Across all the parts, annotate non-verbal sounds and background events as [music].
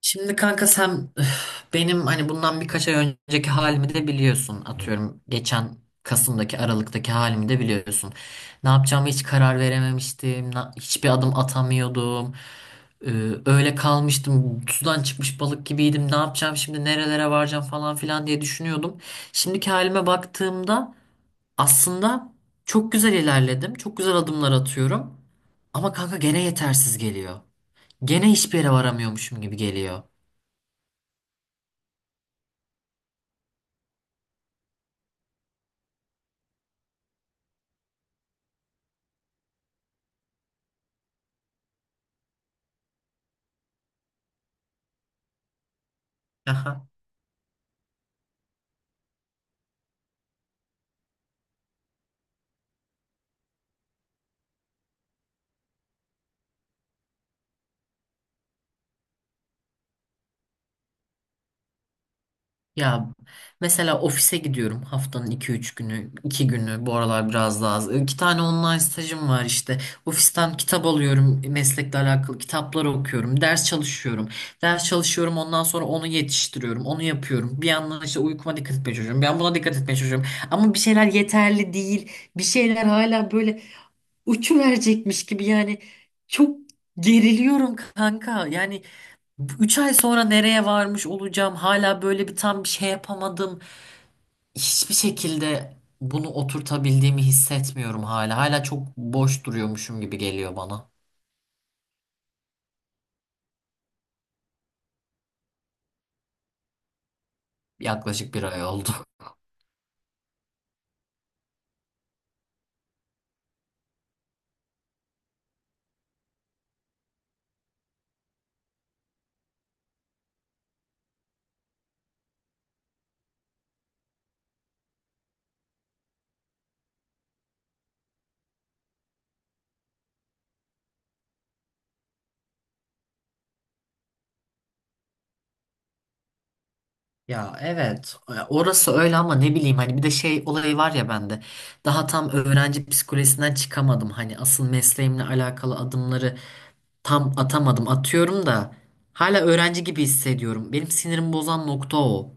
Şimdi kanka sen öf, benim hani bundan birkaç ay önceki halimi de biliyorsun. Atıyorum geçen Kasım'daki Aralık'taki halimi de biliyorsun. Ne yapacağımı hiç karar verememiştim. Hiçbir adım atamıyordum. Ee, öyle kalmıştım. Sudan çıkmış balık gibiydim. Ne yapacağım şimdi nerelere varacağım falan filan diye düşünüyordum. Şimdiki halime baktığımda aslında çok güzel ilerledim. Çok güzel adımlar atıyorum. Ama kanka gene yetersiz geliyor. Gene hiçbir yere varamıyormuşum gibi geliyor. Aha. Ya mesela ofise gidiyorum haftanın 2-3 günü, 2 günü bu aralar biraz daha az. 2 tane online stajım var işte. Ofisten kitap alıyorum, meslekle alakalı kitaplar okuyorum, ders çalışıyorum. Ders çalışıyorum ondan sonra onu yetiştiriyorum, onu yapıyorum. Bir yandan işte uykuma dikkat etmeye çalışıyorum, ben buna dikkat etmeye çalışıyorum. Ama bir şeyler yeterli değil, bir şeyler hala böyle uçuverecekmiş gibi yani çok geriliyorum kanka. Yani 3 ay sonra nereye varmış olacağım? Hala böyle bir tam bir şey yapamadım. Hiçbir şekilde bunu oturtabildiğimi hissetmiyorum hala. Hala çok boş duruyormuşum gibi geliyor bana. Yaklaşık 1 ay oldu. Ya evet orası öyle ama ne bileyim hani bir de şey olayı var ya bende daha tam öğrenci psikolojisinden çıkamadım hani asıl mesleğimle alakalı adımları tam atamadım atıyorum da hala öğrenci gibi hissediyorum benim sinirimi bozan nokta o.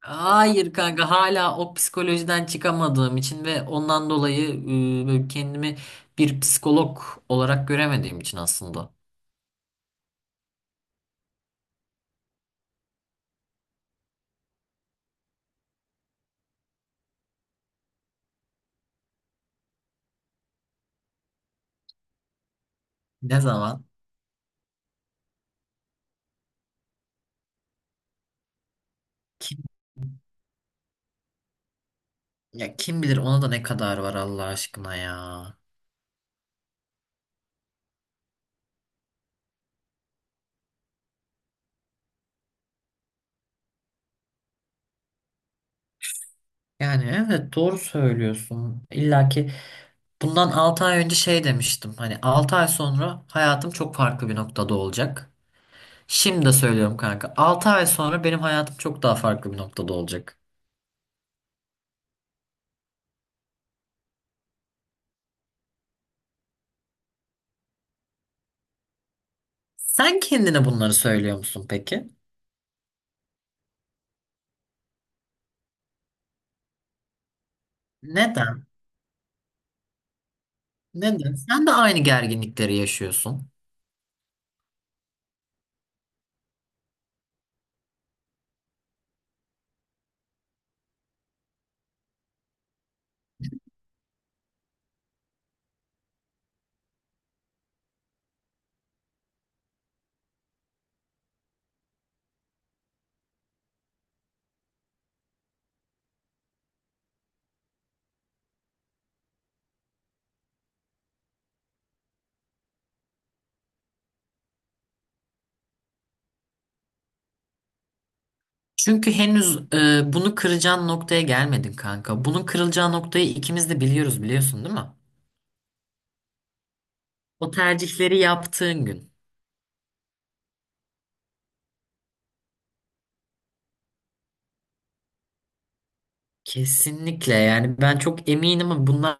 Hayır kanka hala o psikolojiden çıkamadığım için ve ondan dolayı böyle kendimi bir psikolog olarak göremediğim için aslında. Ne zaman? Kim, ya kim bilir ona da ne kadar var Allah aşkına ya. Yani evet doğru söylüyorsun. İlla ki bundan 6 ay önce şey demiştim. Hani 6 ay sonra hayatım çok farklı bir noktada olacak. Şimdi de söylüyorum kanka. 6 ay sonra benim hayatım çok daha farklı bir noktada olacak. Sen kendine bunları söylüyor musun peki? Neden? Neden? Sen de aynı gerginlikleri yaşıyorsun. Çünkü henüz bunu kıracağın noktaya gelmedin kanka. Bunun kırılacağı noktayı ikimiz de biliyoruz biliyorsun değil mi? O tercihleri yaptığın gün. Kesinlikle yani ben çok eminim ama bundan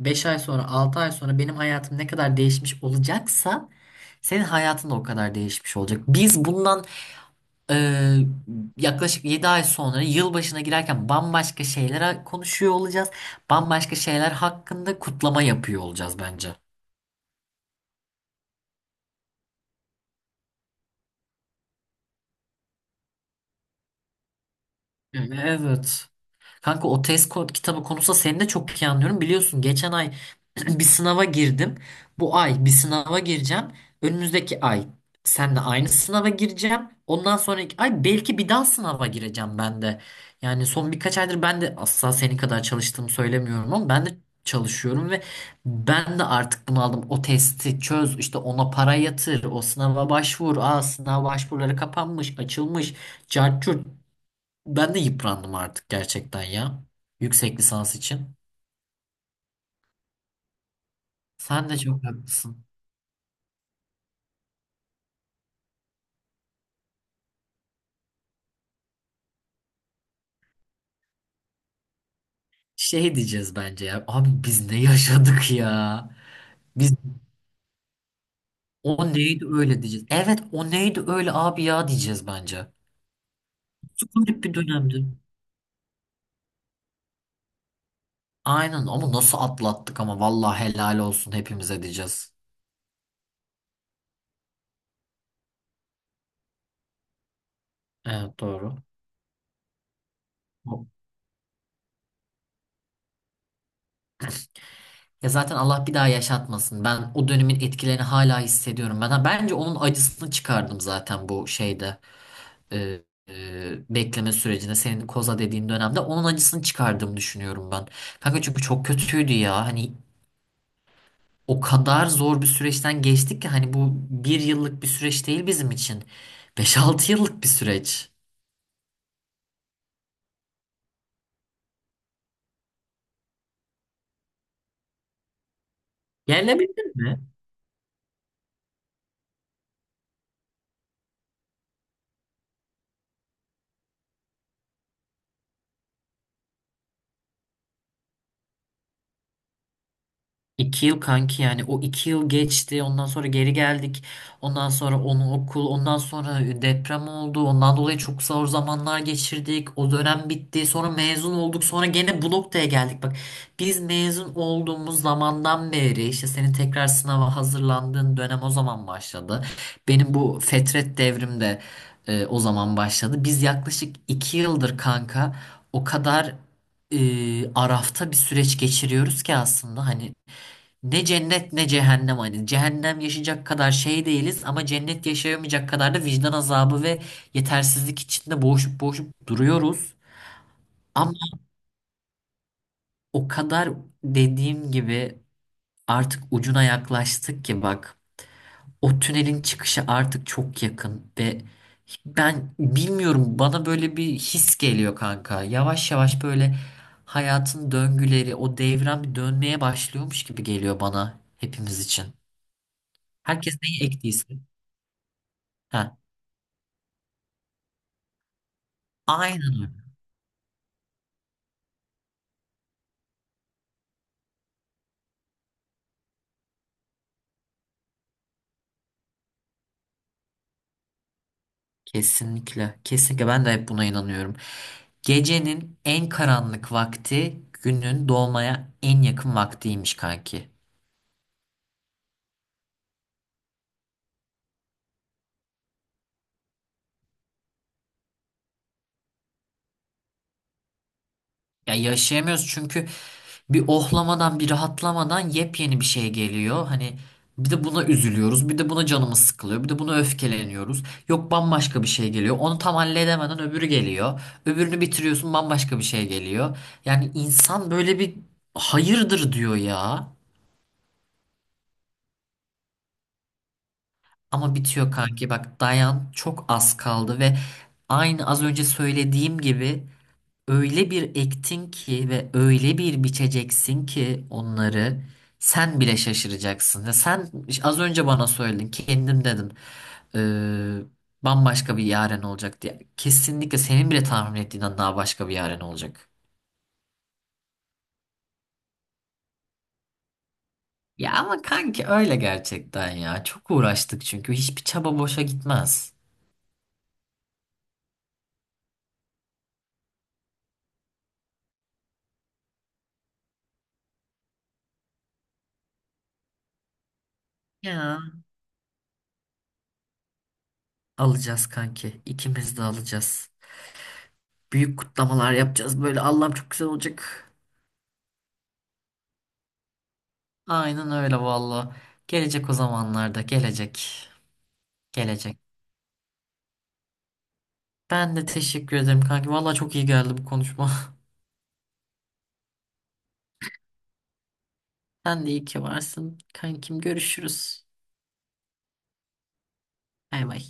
5 ay sonra 6 ay sonra benim hayatım ne kadar değişmiş olacaksa senin hayatın da o kadar değişmiş olacak. Biz bundan Ee, yaklaşık 7 ay sonra yılbaşına girerken bambaşka şeyler konuşuyor olacağız. Bambaşka şeyler hakkında kutlama yapıyor olacağız bence. Evet. Kanka o test kod kitabı konusunda seni de çok iyi anlıyorum. Biliyorsun geçen ay [clears throat] bir sınava girdim. Bu ay bir sınava gireceğim. Önümüzdeki ay seninle aynı sınava gireceğim. Ondan sonraki ay belki bir daha sınava gireceğim ben de. Yani son birkaç aydır ben de asla senin kadar çalıştığımı söylemiyorum ama ben de çalışıyorum ve ben de artık bunaldım. O testi çöz, işte ona para yatır, o sınava başvur. Aa sınav başvuruları kapanmış, açılmış. Cart curt. Ben de yıprandım artık gerçekten ya. Yüksek lisans için. Sen de çok haklısın. Şey diyeceğiz bence ya. Abi biz ne yaşadık ya? Biz o neydi öyle diyeceğiz. Evet o neydi öyle abi ya diyeceğiz bence. Çok garip bir dönemdi. Aynen ama nasıl atlattık ama vallahi helal olsun hepimize diyeceğiz. Evet doğru. Ya zaten Allah bir daha yaşatmasın. Ben o dönemin etkilerini hala hissediyorum. Ben bence onun acısını çıkardım zaten bu şeyde. e, bekleme sürecinde senin koza dediğin dönemde onun acısını çıkardığımı düşünüyorum ben. Kanka çünkü çok kötüydü ya. Hani o kadar zor bir süreçten geçtik ki hani bu 1 yıllık bir süreç değil bizim için. 5-6 yıllık bir süreç. Yerle mi? 2 yıl kanki yani o 2 yıl geçti ondan sonra geri geldik ondan sonra onu okul ondan sonra deprem oldu ondan dolayı çok zor zamanlar geçirdik o dönem bitti sonra mezun olduk sonra gene bu noktaya geldik bak biz mezun olduğumuz zamandan beri işte senin tekrar sınava hazırlandığın dönem o zaman başladı benim bu fetret devrim de o zaman başladı biz yaklaşık 2 yıldır kanka o kadar arafta bir süreç geçiriyoruz ki aslında hani ne cennet ne cehennem hani. Cehennem yaşayacak kadar şey değiliz ama cennet yaşayamayacak kadar da vicdan azabı ve yetersizlik içinde boğuşup boğuşup duruyoruz. Ama o kadar dediğim gibi artık ucuna yaklaştık ki bak o tünelin çıkışı artık çok yakın ve ben bilmiyorum bana böyle bir his geliyor kanka. Yavaş yavaş böyle hayatın döngüleri o devran bir dönmeye başlıyormuş gibi geliyor bana hepimiz için. Herkes neyi ektiyse. Ha. Aynen öyle. Kesinlikle. Kesinlikle ben de hep buna inanıyorum. Gecenin en karanlık vakti günün doğmaya en yakın vaktiymiş kanki. Ya yaşayamıyoruz çünkü bir ohlamadan bir rahatlamadan yepyeni bir şey geliyor. Hani bir de buna üzülüyoruz, bir de buna canımız sıkılıyor, bir de buna öfkeleniyoruz. Yok bambaşka bir şey geliyor. Onu tam halledemeden öbürü geliyor. Öbürünü bitiriyorsun bambaşka bir şey geliyor. Yani insan böyle bir hayırdır diyor ya. Ama bitiyor kanki bak dayan çok az kaldı ve aynı az önce söylediğim gibi öyle bir ektin ki ve öyle bir biçeceksin ki onları sen bile şaşıracaksın. Ve sen az önce bana söyledin kendim dedin "Ee, bambaşka bir yaren olacak diye. Kesinlikle senin bile tahmin ettiğinden daha başka bir yaren olacak. Ya ama kanki öyle gerçekten ya çok uğraştık çünkü hiçbir çaba boşa gitmez. Ya. Alacağız kanki. İkimiz de alacağız. Büyük kutlamalar yapacağız. Böyle Allah'ım çok güzel olacak. Aynen öyle valla. Gelecek o zamanlarda. Gelecek. Gelecek. Ben de teşekkür ederim kanki. Valla çok iyi geldi bu konuşma. [laughs] Sen de iyi ki varsın. Kankim görüşürüz. Bay bay.